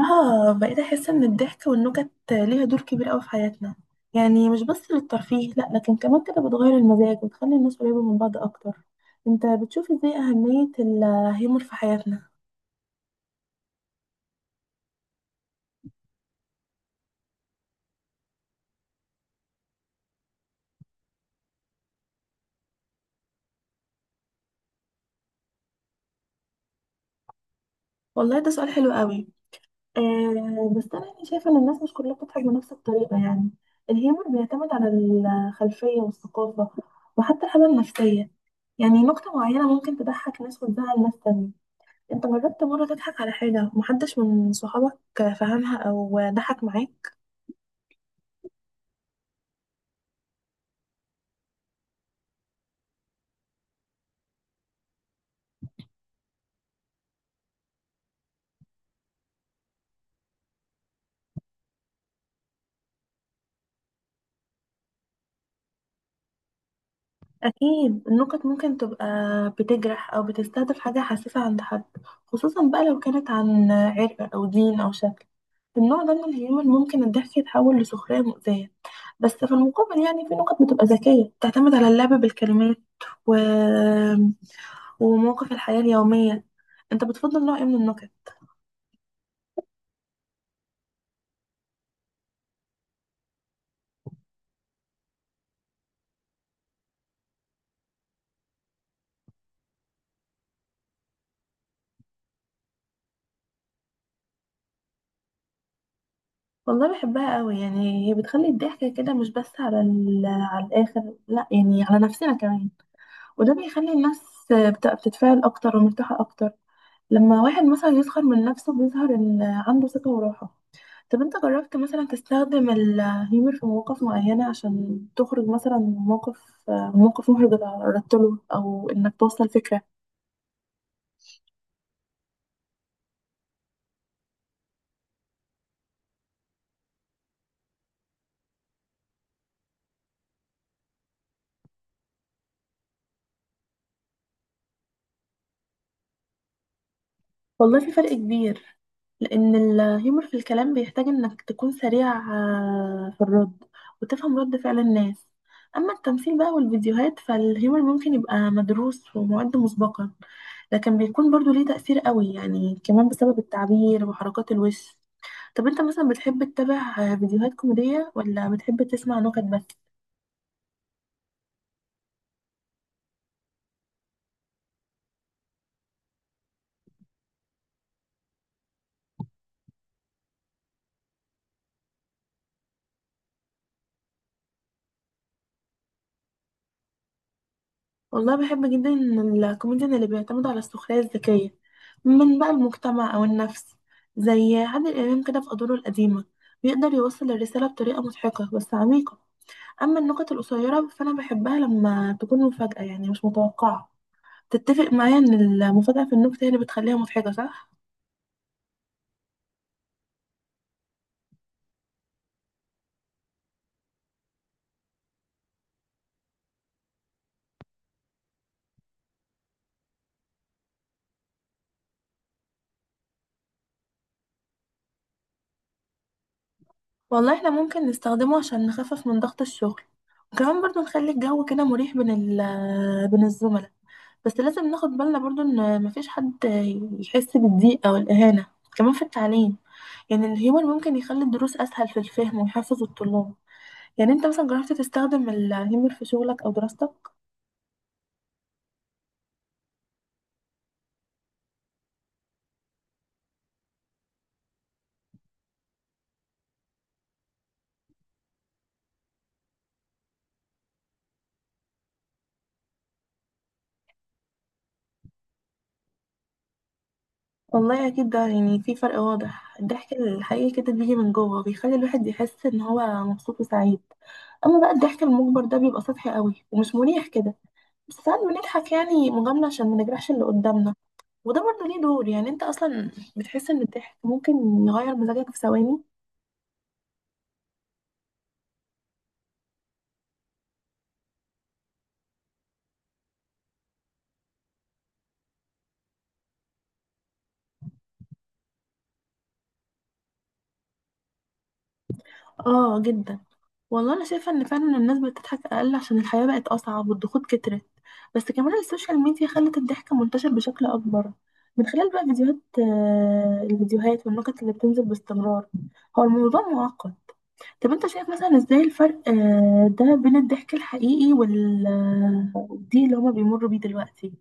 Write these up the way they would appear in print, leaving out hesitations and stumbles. اه، بقيت احس ان الضحك والنكت ليها دور كبير قوي في حياتنا. يعني مش بس للترفيه، لا، لكن كمان كده بتغير المزاج وتخلي الناس قريبة من بعض اكتر. انت بتشوف ازاي اهمية الهيومر في حياتنا؟ والله ده سؤال حلو قوي. آه، بس انا يعني شايفة ان الناس مش كلها بتضحك بنفس الطريقة. يعني الهيومر بيعتمد على الخلفية والثقافة، وحتى الحالة النفسية. يعني نكتة معينة ممكن تضحك ناس وتزعل ناس تانية. انت جربت مرة تضحك على حاجة محدش من صحابك فهمها او ضحك معاك؟ اكيد النكت ممكن تبقى بتجرح او بتستهدف حاجة حساسة عند حد، خصوصا بقى لو كانت عن عرق او دين او شكل. النوع ده من الهيومر ممكن الضحك يتحول لسخرية مؤذية. بس في المقابل، يعني في نكت بتبقى ذكية بتعتمد على اللعب بالكلمات و... ومواقف الحياة اليومية. انت بتفضل نوع ايه من النكت؟ والله بحبها قوي. يعني هي بتخلي الضحك كده مش بس على على الاخر، لا، يعني على نفسنا كمان. وده بيخلي الناس بتتفاعل اكتر ومرتاحه اكتر. لما واحد مثلا يسخر من نفسه بيظهر ان عنده ثقه وراحه. طب انت جربت مثلا تستخدم الهيومر في مواقف معينه عشان تخرج مثلا من موقف محرج اتعرضت له، او انك توصل فكره؟ والله في فرق كبير، لأن الهيومر في الكلام بيحتاج إنك تكون سريع في الرد، وتفهم رد فعل الناس. أما التمثيل بقى والفيديوهات فالهيومر ممكن يبقى مدروس ومعد مسبقا، لكن بيكون برضو ليه تأثير قوي، يعني كمان بسبب التعبير وحركات الوش. طب أنت مثلا بتحب تتابع فيديوهات كوميدية، ولا بتحب تسمع نكت بس؟ والله بحب جدا الكوميديان اللي بيعتمد على السخرية الذكية من بقى المجتمع أو النفس، زي عادل إمام كده في أدواره القديمة. بيقدر يوصل الرسالة بطريقة مضحكة بس عميقة. أما النكت القصيرة فأنا بحبها لما تكون مفاجأة، يعني مش متوقعة. تتفق معايا إن المفاجأة في النكتة هي اللي بتخليها مضحكة صح؟ والله احنا ممكن نستخدمه عشان نخفف من ضغط الشغل، وكمان برضو نخلي الجو كده مريح بين ال آه، بين الزملاء. بس لازم ناخد بالنا برضو ان مفيش حد يحس بالضيق او الاهانة. كمان في التعليم، يعني الهيومر ممكن يخلي الدروس اسهل في الفهم ويحفز الطلاب. يعني انت مثلا جربت تستخدم الهيومر في شغلك او دراستك؟ والله اكيد ده يعني في فرق واضح. الضحك الحقيقي كده بيجي من جوه، بيخلي الواحد يحس ان هو مبسوط وسعيد. اما بقى الضحك المجبر ده بيبقى سطحي قوي ومش مريح كده. بس ساعات بنضحك يعني مجاملة عشان ما نجرحش اللي قدامنا. وده برضه ليه دور. يعني انت اصلا بتحس ان الضحك ممكن يغير مزاجك في ثواني؟ اه جدا. والله انا شايفة ان فعلا الناس بتضحك اقل عشان الحياة بقت اصعب والضغوط كترت. بس كمان السوشيال ميديا خلت الضحك منتشر بشكل اكبر، من خلال بقى فيديوهات الفيديوهات والنكت اللي بتنزل باستمرار. هو الموضوع معقد. طب انت شايف مثلا ازاي الفرق ده بين الضحك الحقيقي والضيق اللي هما بيمروا بيه دلوقتي؟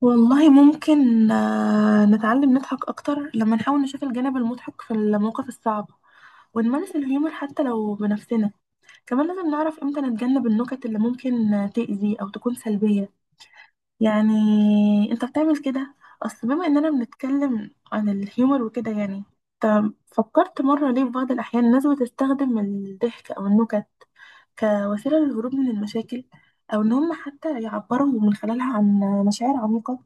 والله ممكن نتعلم نضحك أكتر لما نحاول نشوف الجانب المضحك في المواقف الصعبة، ونمارس الهيومر حتى لو بنفسنا. كمان لازم نعرف امتى نتجنب النكت اللي ممكن تأذي أو تكون سلبية. يعني انت بتعمل كده؟ أصل بما إننا بنتكلم عن الهيومر وكده، يعني انت فكرت مرة ليه في بعض الأحيان الناس بتستخدم الضحك أو النكت كوسيلة للهروب من المشاكل، أو إن هم حتى يعبروا من خلالها عن مشاعر عميقة؟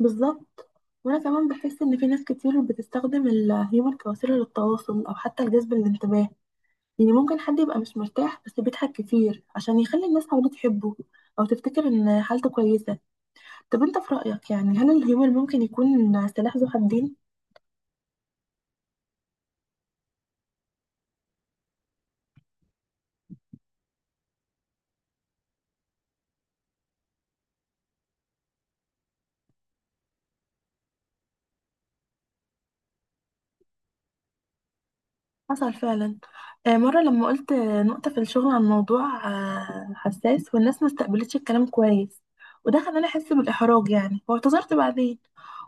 بالظبط. وانا كمان بحس ان في ناس كتير بتستخدم الهيومر كوسيله للتواصل او حتى لجذب الانتباه. يعني ممكن حد يبقى مش مرتاح بس بيضحك كتير عشان يخلي الناس حواليه تحبه، او تفتكر ان حالته كويسه. طب انت في رايك يعني هل الهيومر ممكن يكون سلاح ذو حدين؟ حصل فعلا. مرة لما قلت نقطة في الشغل عن موضوع حساس والناس ما استقبلتش الكلام كويس، وده خلاني أحس بالإحراج، يعني واعتذرت بعدين.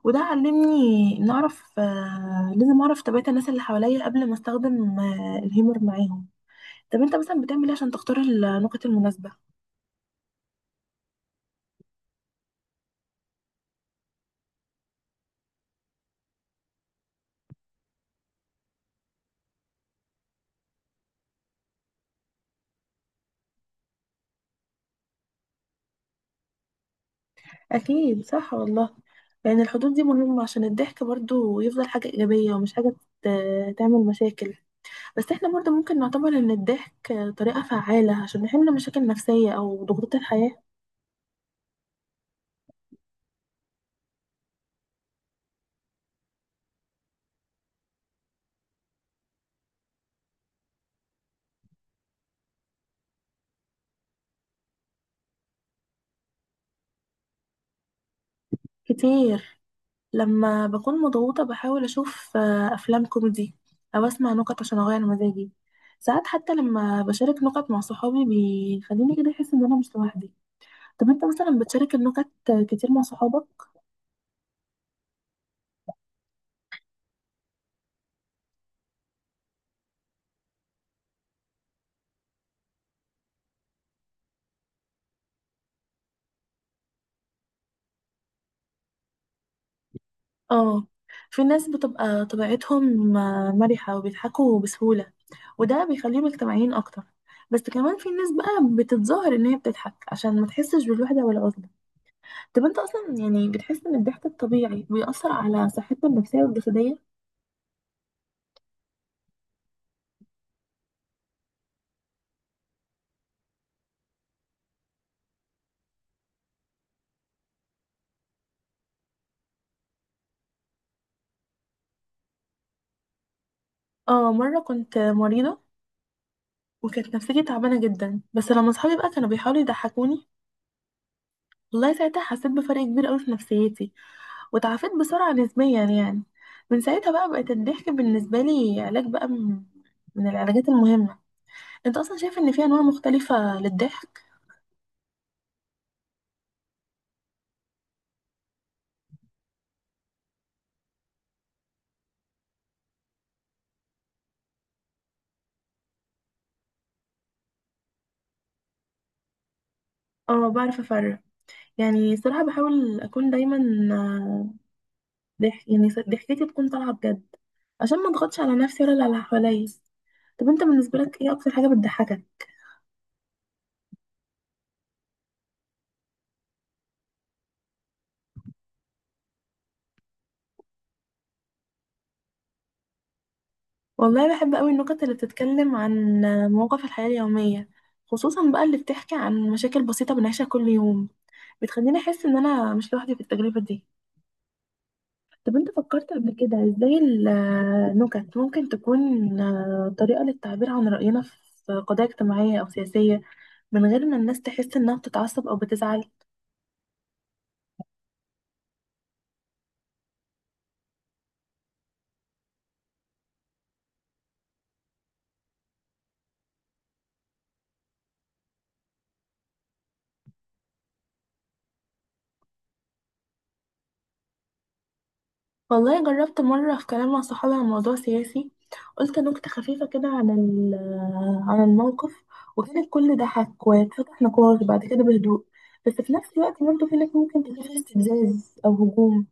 وده علمني إن أعرف آه، لازم أعرف طبيعة الناس اللي حواليا قبل ما أستخدم الهيمور معاهم. طب أنت مثلا بتعمل إيه عشان تختار النقط المناسبة؟ أكيد صح والله. لأن الحدود دي مهمة عشان الضحك برضو يفضل حاجة إيجابية ومش حاجة تعمل مشاكل. بس احنا برضه ممكن نعتبر ان الضحك طريقة فعالة عشان نحل مشاكل نفسية او ضغوطات الحياة. كتير. لما بكون مضغوطة بحاول اشوف افلام كوميدي، او اسمع نكت عشان اغير مزاجي. ساعات حتى لما بشارك نكت مع صحابي بيخليني كده احس ان انا مش لوحدي. طب انت مثلا بتشارك النكت كتير مع صحابك؟ اه، في ناس بتبقى طبيعتهم مرحة وبيضحكوا بسهولة، وده بيخليهم اجتماعيين اكتر. بس كمان في ناس بقى بتتظاهر ان هي بتضحك عشان ما تحسش بالوحدة والعزلة. طب انت اصلا يعني بتحس ان الضحك الطبيعي بيأثر على صحتنا النفسية والجسدية؟ اه، مرة كنت مريضة وكانت نفسيتي تعبانة جدا، بس لما صحابي بقى كانوا بيحاولوا يضحكوني والله ساعتها حسيت بفرق كبير قوي في نفسيتي، وتعافيت بسرعة نسبيا يعني. من ساعتها بقى بقت الضحك بالنسبة لي علاج بقى من من العلاجات المهمة. انت اصلا شايف ان في انواع مختلفة للضحك؟ اه، بعرف افرق. يعني صراحة بحاول أكون دايما آه، ضحكتي تكون طالعة بجد، عشان ما اضغطش على نفسي ولا على اللي حواليا. طب انت بالنسبة لك ايه أكتر حاجة بتضحكك؟ والله بحب أوي النكت اللي بتتكلم عن مواقف الحياة اليومية، خصوصا بقى اللي بتحكي عن مشاكل بسيطة بنعيشها كل يوم. بتخليني أحس إن أنا مش لوحدي في التجربة دي. طب انت فكرت قبل كده ازاي النكت ممكن تكون طريقة للتعبير عن رأينا في قضايا اجتماعية أو سياسية، من غير ما الناس تحس انها بتتعصب او بتزعل؟ والله جربت مرة في كلام مع صحابي عن موضوع سياسي، قلت نكتة خفيفة كده عن عن الموقف، وكان الكل ضحك واتفتح نقاش بعد كده بهدوء. بس في نفس الوقت برضه في ناس ممكن تلاقي فيه استفزاز او هجوم.